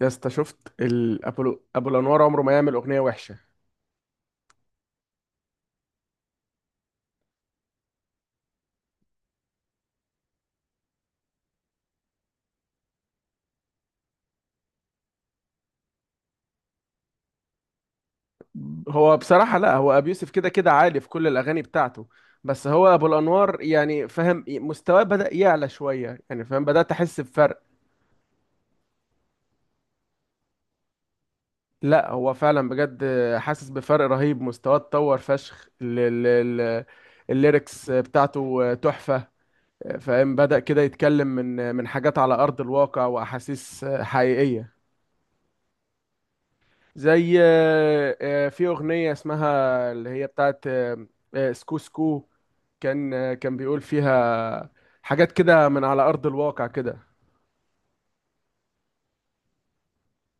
يا اسطى شفت الابولو ابو الانوار عمره ما يعمل اغنيه وحشه. هو بصراحه، لا هو ابو يوسف كده كده عالي في كل الاغاني بتاعته، بس هو ابو الانوار يعني فاهم مستواه بدا يعلى شويه، يعني فاهم بدات احس بفرق. لا هو فعلا بجد حاسس بفرق رهيب، مستواه اتطور فشخ، ال- الليركس بتاعته تحفه. فاهم بدأ كده يتكلم من حاجات على أرض الواقع وأحاسيس حقيقية. زي في أغنية اسمها، اللي هي بتاعت سكو سكو، كان بيقول فيها حاجات كده من على أرض الواقع كده.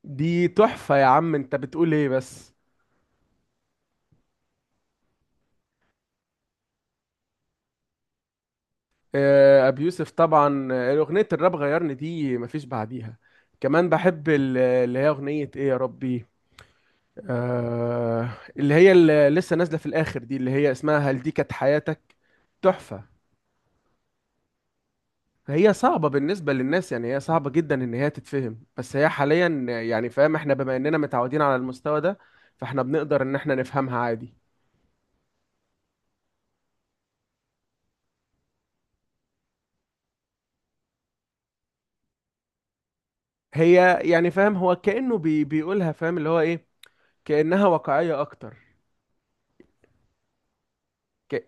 دي تحفة يا عم، انت بتقول ايه بس؟ أبي يوسف طبعا، أغنية الراب غيرني دي مفيش بعديها. كمان بحب اللي هي أغنية ايه يا ربي، آه، اللي هي اللي لسه نازلة في الآخر دي، اللي هي اسمها هل دي كانت حياتك. تحفة. هي صعبة بالنسبة للناس، يعني هي صعبة جدا إن هي تتفهم، بس هي حاليا يعني فاهم إحنا بما إننا متعودين على المستوى ده، فإحنا بنقدر إن إحنا نفهمها عادي. هي يعني فاهم هو كأنه بيقولها، فاهم اللي هو إيه، كأنها واقعية أكتر. ك...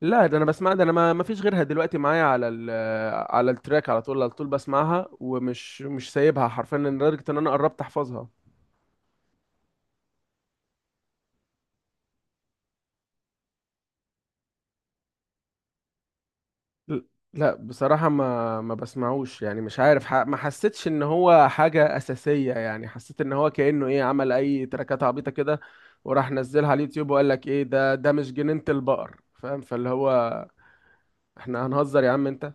لا ده أنا بسمع، ده أنا ما فيش غيرها دلوقتي معايا على التراك، على طول على طول بسمعها، ومش مش سايبها حرفيا لدرجة إن أنا قربت أحفظها. ل- لا بصراحة ما بسمعوش، يعني مش عارف، ما حسيتش ان هو حاجة اساسية، يعني حسيت ان هو كأنه ايه، عمل اي تراكات عبيطة كده وراح نزلها على اليوتيوب وقال لك ايه ده، ده مش جنينة البقر، فاهم، فاللي هو احنا هنهزر يا عم انت؟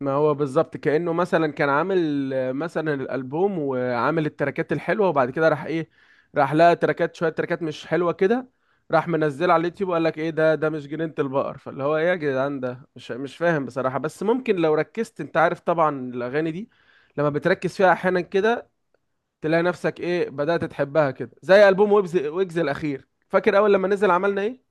ما هو بالظبط كأنه مثلا كان عامل مثلا الألبوم وعامل التراكات الحلوة، وبعد كده راح ايه، راح لقى تراكات، شوية تراكات مش حلوة كده، راح منزلها على اليوتيوب وقال لك ايه ده، ده مش جنينة البقر، فاللي هو ايه يا جدعان، ده مش فاهم بصراحة، بس ممكن لو ركزت، انت عارف طبعا الأغاني دي لما بتركز فيها أحيانا كده تلاقي نفسك ايه، بدأت تحبها كده، زي ألبوم ويجز الأخير، فاكر أول لما نزل عملنا ايه؟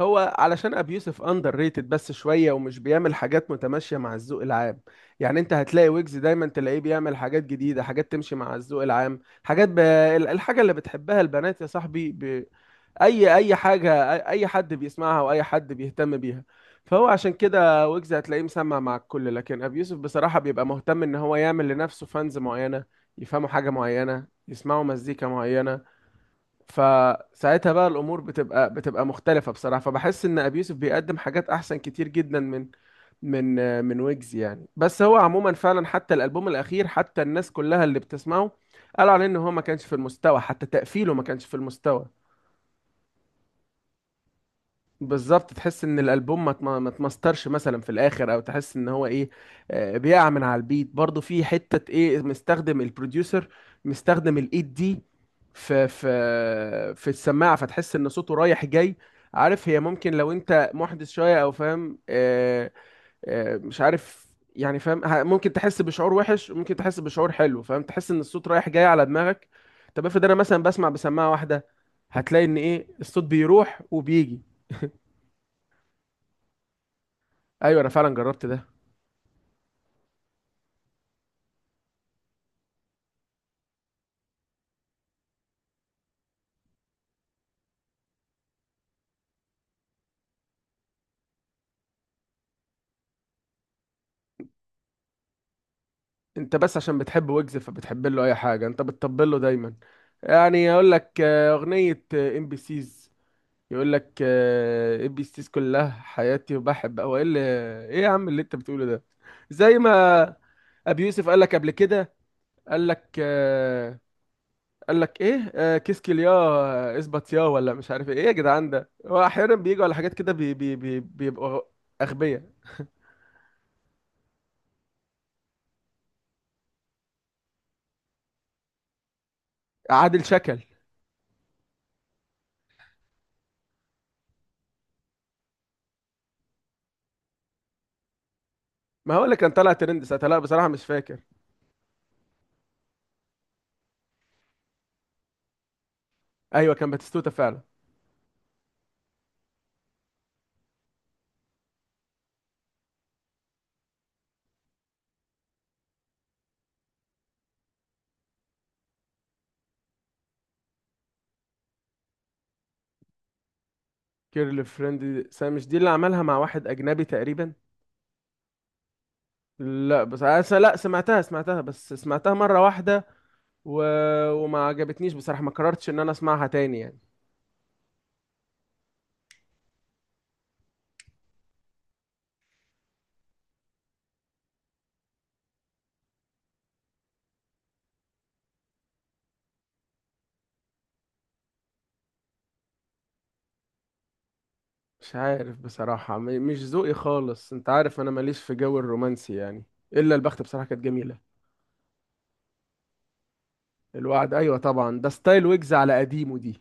هو علشان ابي يوسف اندر ريتد بس شويه، ومش بيعمل حاجات متماشيه مع الذوق العام، يعني انت هتلاقي ويجز دايما تلاقيه بيعمل حاجات جديده، حاجات تمشي مع الذوق العام، حاجات الحاجه اللي بتحبها البنات يا صاحبي، اي حاجه، أي حد بيسمعها واي حد بيهتم بيها. فهو عشان كده ويجز هتلاقيه مسمع مع الكل، لكن ابي يوسف بصراحه بيبقى مهتم ان هو يعمل لنفسه فانز معينه، يفهموا حاجه معينه، يسمعوا مزيكا معينه، فساعتها بقى الامور بتبقى مختلفه بصراحه، فبحس ان ابي يوسف بيقدم حاجات احسن كتير جدا من من ويجز يعني. بس هو عموما فعلا حتى الالبوم الاخير، حتى الناس كلها اللي بتسمعه قالوا عليه ان هو ما كانش في المستوى، حتى تقفيله ما كانش في المستوى. بالظبط تحس ان الالبوم ما اتمسترش مثلا في الاخر، او تحس ان هو ايه، بيقع من على البيت برضه في حته ايه، مستخدم البروديوسر، مستخدم الايد دي في السماعه، فتحس ان صوته رايح جاي. عارف، هي ممكن لو انت محدث شويه، او فاهم مش عارف، يعني فاهم ممكن تحس بشعور وحش، وممكن تحس بشعور حلو، فاهم تحس ان الصوت رايح جاي على دماغك. طب افرض انا مثلا بسمع بسماعه واحده، هتلاقي ان ايه، الصوت بيروح وبيجي. ايوه انا فعلا جربت ده. انت بس عشان بتحب ويجز فبتحب له اي حاجه، انت بتطبل له دايما، يعني يقول لك اغنيه ام بي سيز، يقول لك ام بي سيز كلها حياتي وبحب، او ايه اللي، ايه يا عم اللي انت بتقوله ده؟ زي ما ابي يوسف قال لك قبل كده، قال لك آه، قال لك ايه، كيس كليا، اثبت يا ولا، مش عارف ايه، ايه يا جدعان ده، هو احيانا بيجوا على حاجات كده بي بي بي بيبقوا اغبياء. عادل شكل. ما هو اللي كان طالع ترند ساعتها، لا بصراحه مش فاكر. ايوه كان باتيستوتا فعلا. كيرل فريند، مش دي اللي عملها مع واحد اجنبي تقريبا؟ لا بس، لا سمعتها، سمعتها بس سمعتها مره واحده و... وما عجبتنيش بصراحه، ما قررتش ان انا اسمعها تاني يعني. مش عارف بصراحه، مش ذوقي خالص، انت عارف انا ماليش في جو الرومانسي يعني، الا البخت بصراحه كانت جميله. الوعد، ايوه طبعا ده ستايل ويجز على قديمه دي،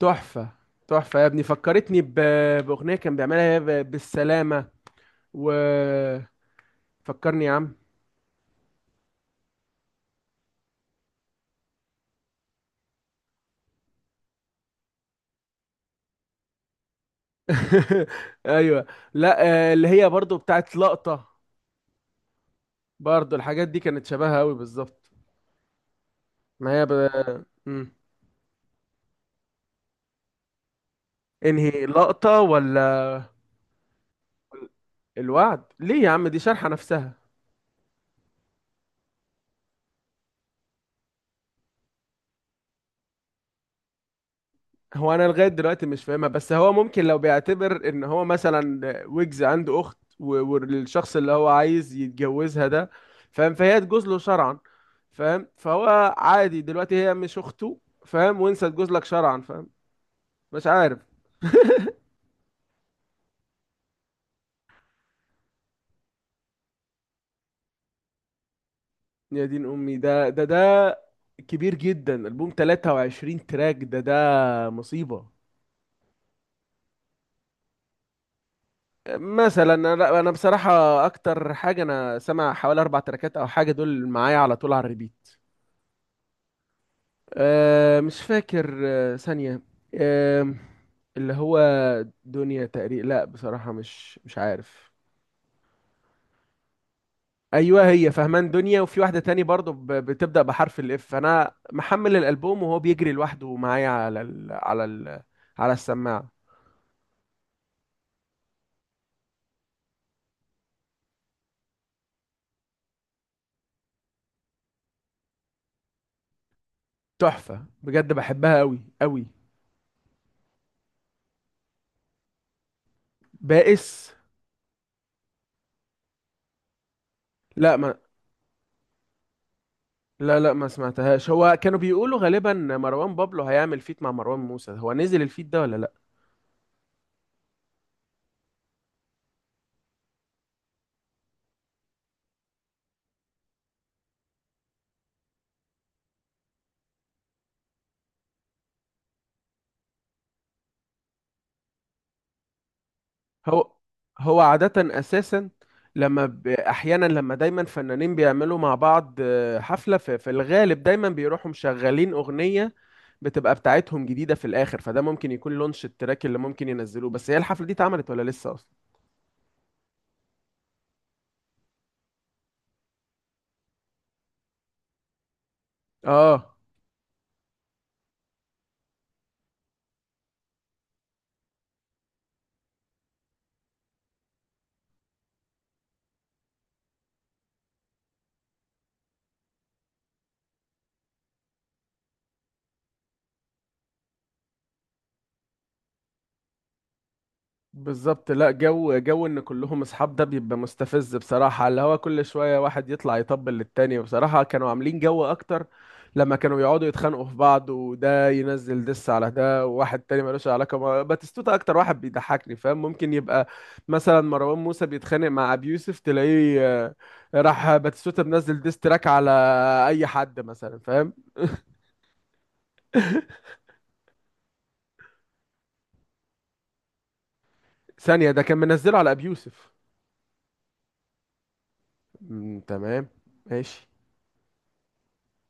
تحفه. تحفه يا ابني، فكرتني باغنيه كان بيعملها بالسلامه، و فكرني يا عم. ايوه. لا اللي هي برضو بتاعت لقطة، برضو الحاجات دي كانت شبهها قوي بالظبط. ما هي مم. انهي لقطة، ولا الوعد؟ ليه يا عم، دي شارحة نفسها. هو انا لغاية دلوقتي مش فاهمها، بس هو ممكن لو بيعتبر ان هو مثلا ويجز عنده اخت، والشخص اللي هو عايز يتجوزها ده، فاهم، فهي تجوز له شرعا، فاهم، فهو عادي دلوقتي هي مش اخته، فاهم، وانسى تجوز لك شرعا، فاهم. مش عارف. يا دين امي، ده كبير جدا، البوم 23 تراك، ده مصيبة. مثلا انا، لا، انا بصراحة اكتر حاجة انا سامع حوالي اربع تراكات او حاجة، دول معايا على طول على الريبيت. أه مش فاكر، أه ثانية، أه، اللي هو دنيا تقريبا، لا بصراحة مش عارف. ايوه هي فهمان دنيا، وفي واحدة تاني برضو بتبدأ بحرف الاف، انا محمل الالبوم وهو بيجري لوحده معايا على السماعة. تحفة بجد بحبها قوي قوي. بائس، لا ما، لا لا ما سمعتهاش. هو كانوا بيقولوا غالبا مروان بابلو هيعمل فيت مع مروان موسى، هو نزل الفيت ده ولا لا؟ هو هو عادة اساسا لما احيانا، لما دايما فنانين بيعملوا مع بعض حفلة، في الغالب دايما بيروحوا مشغلين اغنية بتبقى بتاعتهم جديدة في الاخر، فده ممكن يكون لونش التراك اللي ممكن ينزلوه، بس هي الحفلة دي اتعملت ولا لسه اصلا؟ اه، بالظبط. لا، جو جو ان كلهم اصحاب ده بيبقى مستفز بصراحة، اللي هو كل شوية واحد يطلع يطبل للتاني، وبصراحة كانوا عاملين جو اكتر لما كانوا يقعدوا يتخانقوا في بعض، وده ينزل دس على ده، وواحد تاني ملوش علاقة، باتيستوتا اكتر واحد بيضحكني، فاهم؟ ممكن يبقى مثلا مروان موسى بيتخانق مع ابي يوسف، تلاقيه راح باتيستوتا منزل ديس تراك على اي حد مثلا، فاهم. ثانية، ده كان منزله على ابي يوسف. مم، تمام. ماشي.